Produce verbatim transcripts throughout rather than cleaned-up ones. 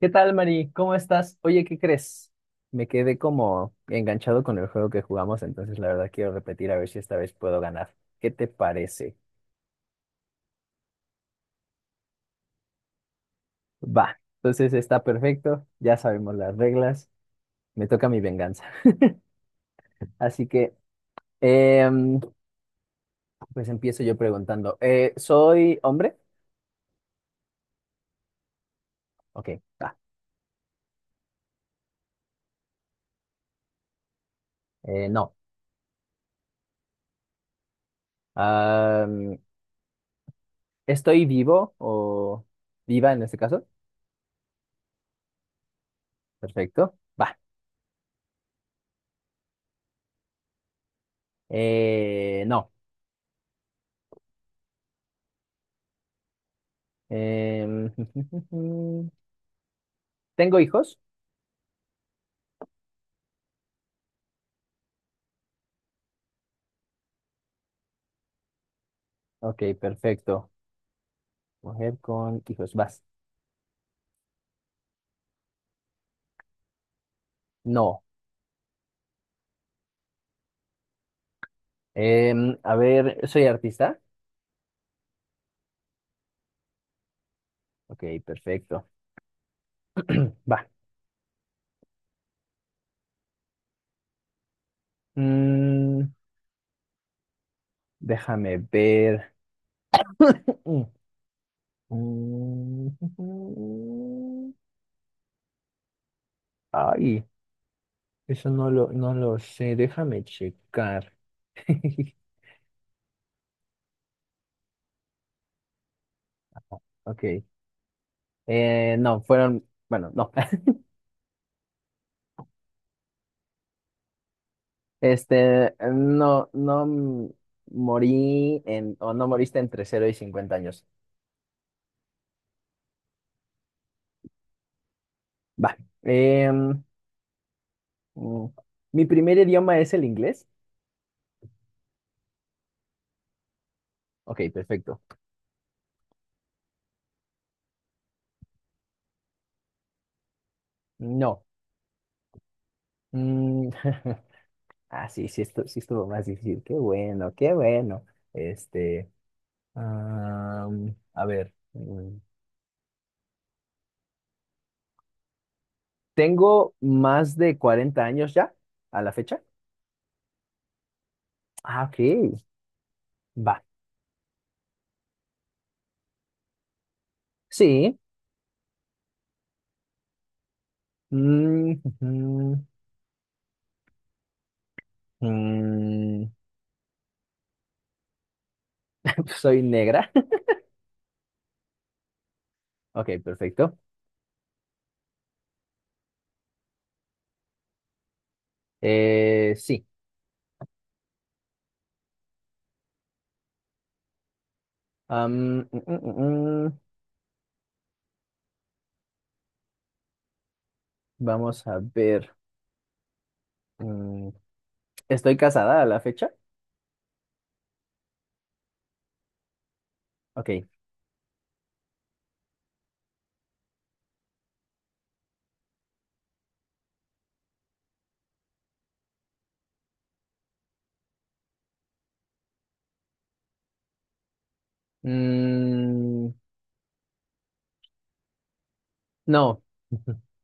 ¿Qué tal, Mari? ¿Cómo estás? Oye, ¿qué crees? Me quedé como enganchado con el juego que jugamos, entonces la verdad quiero repetir a ver si esta vez puedo ganar. ¿Qué te parece? Va, entonces está perfecto, ya sabemos las reglas, me toca mi venganza. Así que, em, pues empiezo yo preguntando, eh, ¿soy hombre? Ok, va. Eh, no. Am, ¿Estoy vivo o viva en este caso? Perfecto, va. Eh, no. Em, ¿Tengo hijos? Ok, perfecto. Mujer con hijos, vas. No. Em, a ver, ¿soy artista? Ok, perfecto. Va. Mm, déjame ver. Mm, mm, mm. Ay, eso no lo, no lo sé. Déjame checar. Ok. Eh, no, fueron, bueno, no. Este, no, no mm, morí en, o no moriste entre cero y cincuenta años. Va. Em, mm, ¿mi primer idioma es el inglés? Ok, perfecto. No. Mm, ah, sí, sí, esto, sí estuvo más difícil. Qué bueno, qué bueno. Este, am, a ver. mm, ¿Tengo más de cuarenta años ya a la fecha? Ah, ok. Va. Sí. Mm, ujú, mm, soy negra. Ok, perfecto. Eh, sí. Am, mm, mm, mm, mm. Vamos a ver. Mm, ¿estoy casada a la fecha? Ok. Mm, no.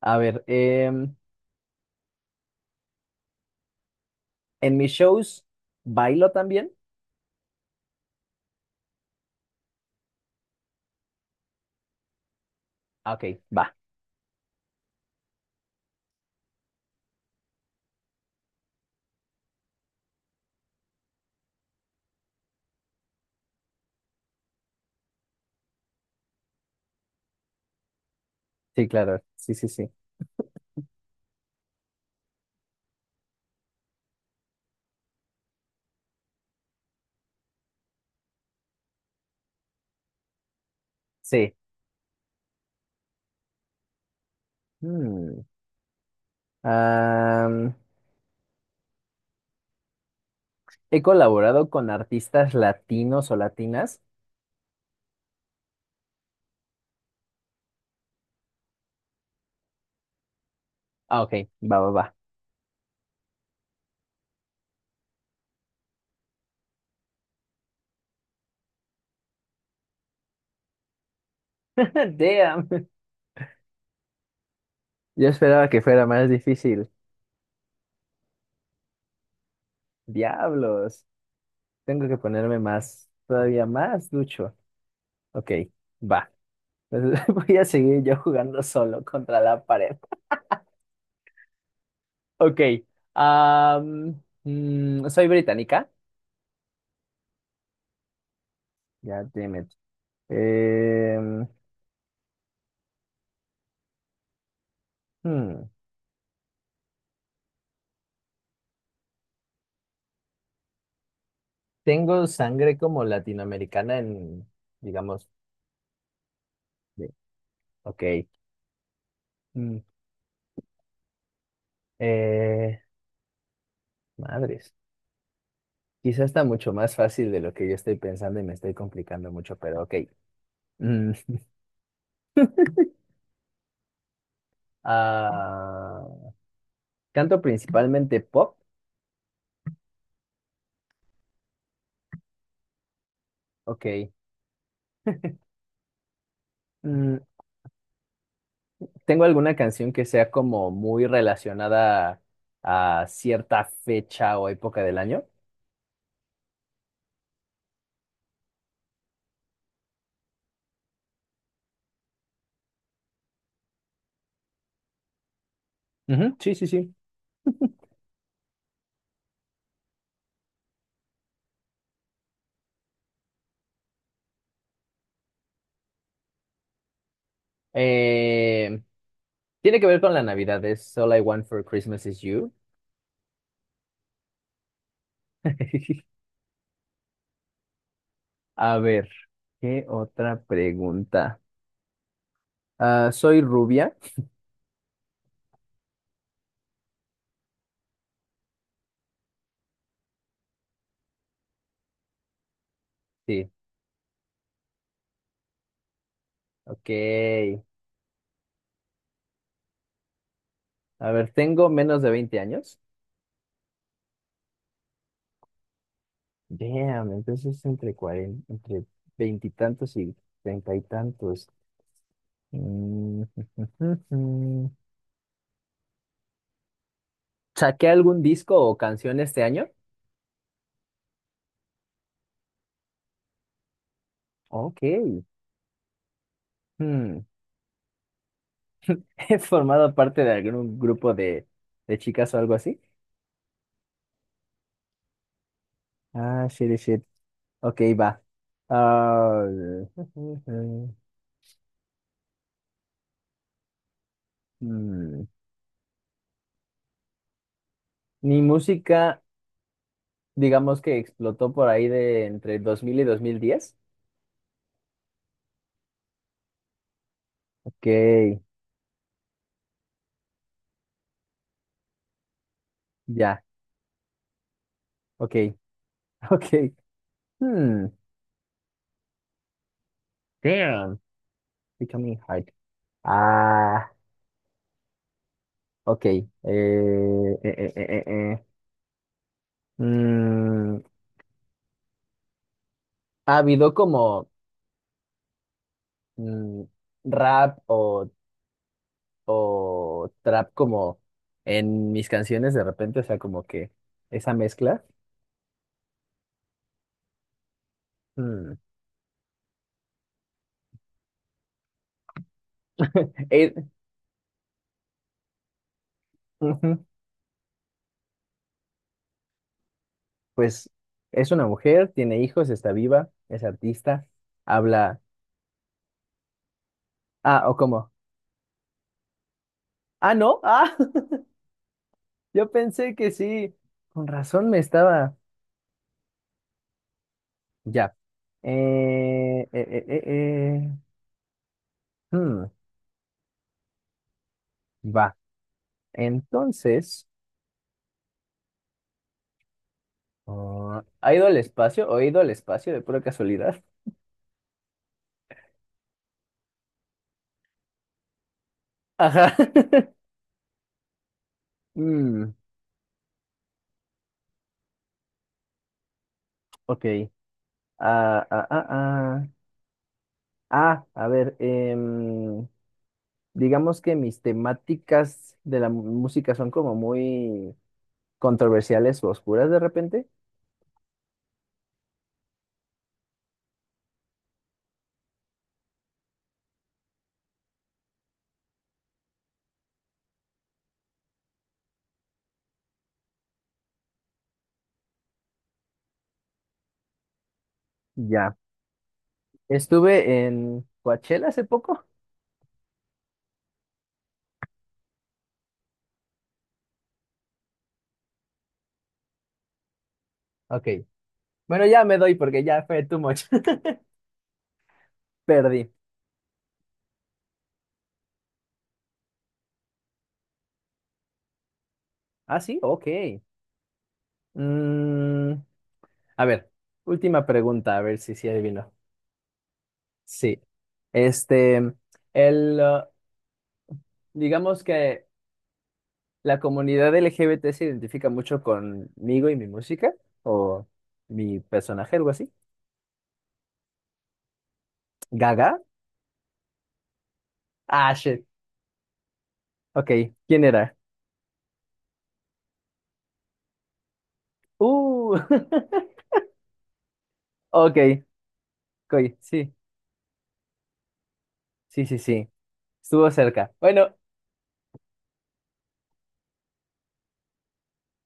A ver, em, ¿en mis shows bailo también? Ah, ok, va. Sí, claro. Sí, sí, sí. Sí. Mm, am, ¿he colaborado con artistas latinos o latinas? Ah, ok, va, va, va. Damn. Yo esperaba que fuera más difícil. Diablos. Tengo que ponerme más, todavía más ducho. Ok, va. Entonces, voy a seguir yo jugando solo contra la pared. Ok. Am, mm, soy británica. Ya, damn it. Em, hmm, Tengo sangre como latinoamericana en, digamos, de- ok. mm, eh, madres. Quizás está mucho más fácil de lo que yo estoy pensando y me estoy complicando mucho, pero ok. Mm, ah, canto principalmente pop. Ok. Mm, ¿tengo alguna canción que sea como muy relacionada a cierta fecha o época del año? Ujú, sí, sí, sí. Eh, tiene que ver con la Navidad, es All I Want for Christmas is You. A ver, ¿qué otra pregunta? Ah, ¿soy rubia? Sí, ok. A ver, ¿tengo menos de veinte años? Damn, entonces entre cuarenta, entre veintitantos y treinta y tantos. Mm, ¿saqué algún disco o canción este año? Ok. Hmm. ¿He formado parte de algún grupo de, de chicas o algo así? Ah, shit, shit. Ok, va. Ah, hmm. Mi música, digamos que explotó por ahí de entre dos mil y dos mil diez. Ok, ya, ok, ok. Hmm. Damn, becoming hard. Ah, ok. Eh, eh, eh, eh, eh. eh. Mm, ha habido como mm, rap o, o trap como en mis canciones de repente, o sea, como que esa mezcla. Mm. Eh, ujú, pues es una mujer, tiene hijos, está viva, es artista, habla. Ah, o cómo. Ah, no, ah, yo pensé que sí, con razón me estaba. Ya. Eh, eh, eh, eh, eh, hmm, va. Entonces. Ah, ¿ha ido al espacio o he ido al espacio de pura casualidad? Ajá. Mm, ok. Ah, ah, ah, ah. Ah, a ver, em, digamos que mis temáticas de la mu- música son como muy controversiales o oscuras de repente. Ya. Estuve en Coachella hace poco. Ok. Bueno, ya me doy porque ya fue too much. Perdí. Ah, sí, ok. Mm, a ver, última pregunta, a ver si sí adivino. Sí. Este, el, uh, digamos que la comunidad L G B T se identifica mucho conmigo y mi música, o mi personaje, algo así. ¿Gaga? Ah, shit. Ok, ¿quién era? Uh, ok, ok, sí, sí, sí, sí. Estuvo cerca. Bueno,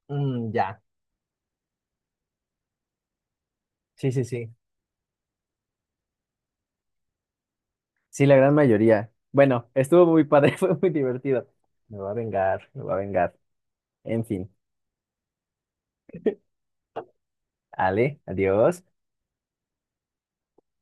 mm, ya. Sí, sí, sí. Sí, la gran mayoría. Bueno, estuvo muy padre, fue muy divertido. Me va a vengar, me va a vengar. En fin, Ale, adiós.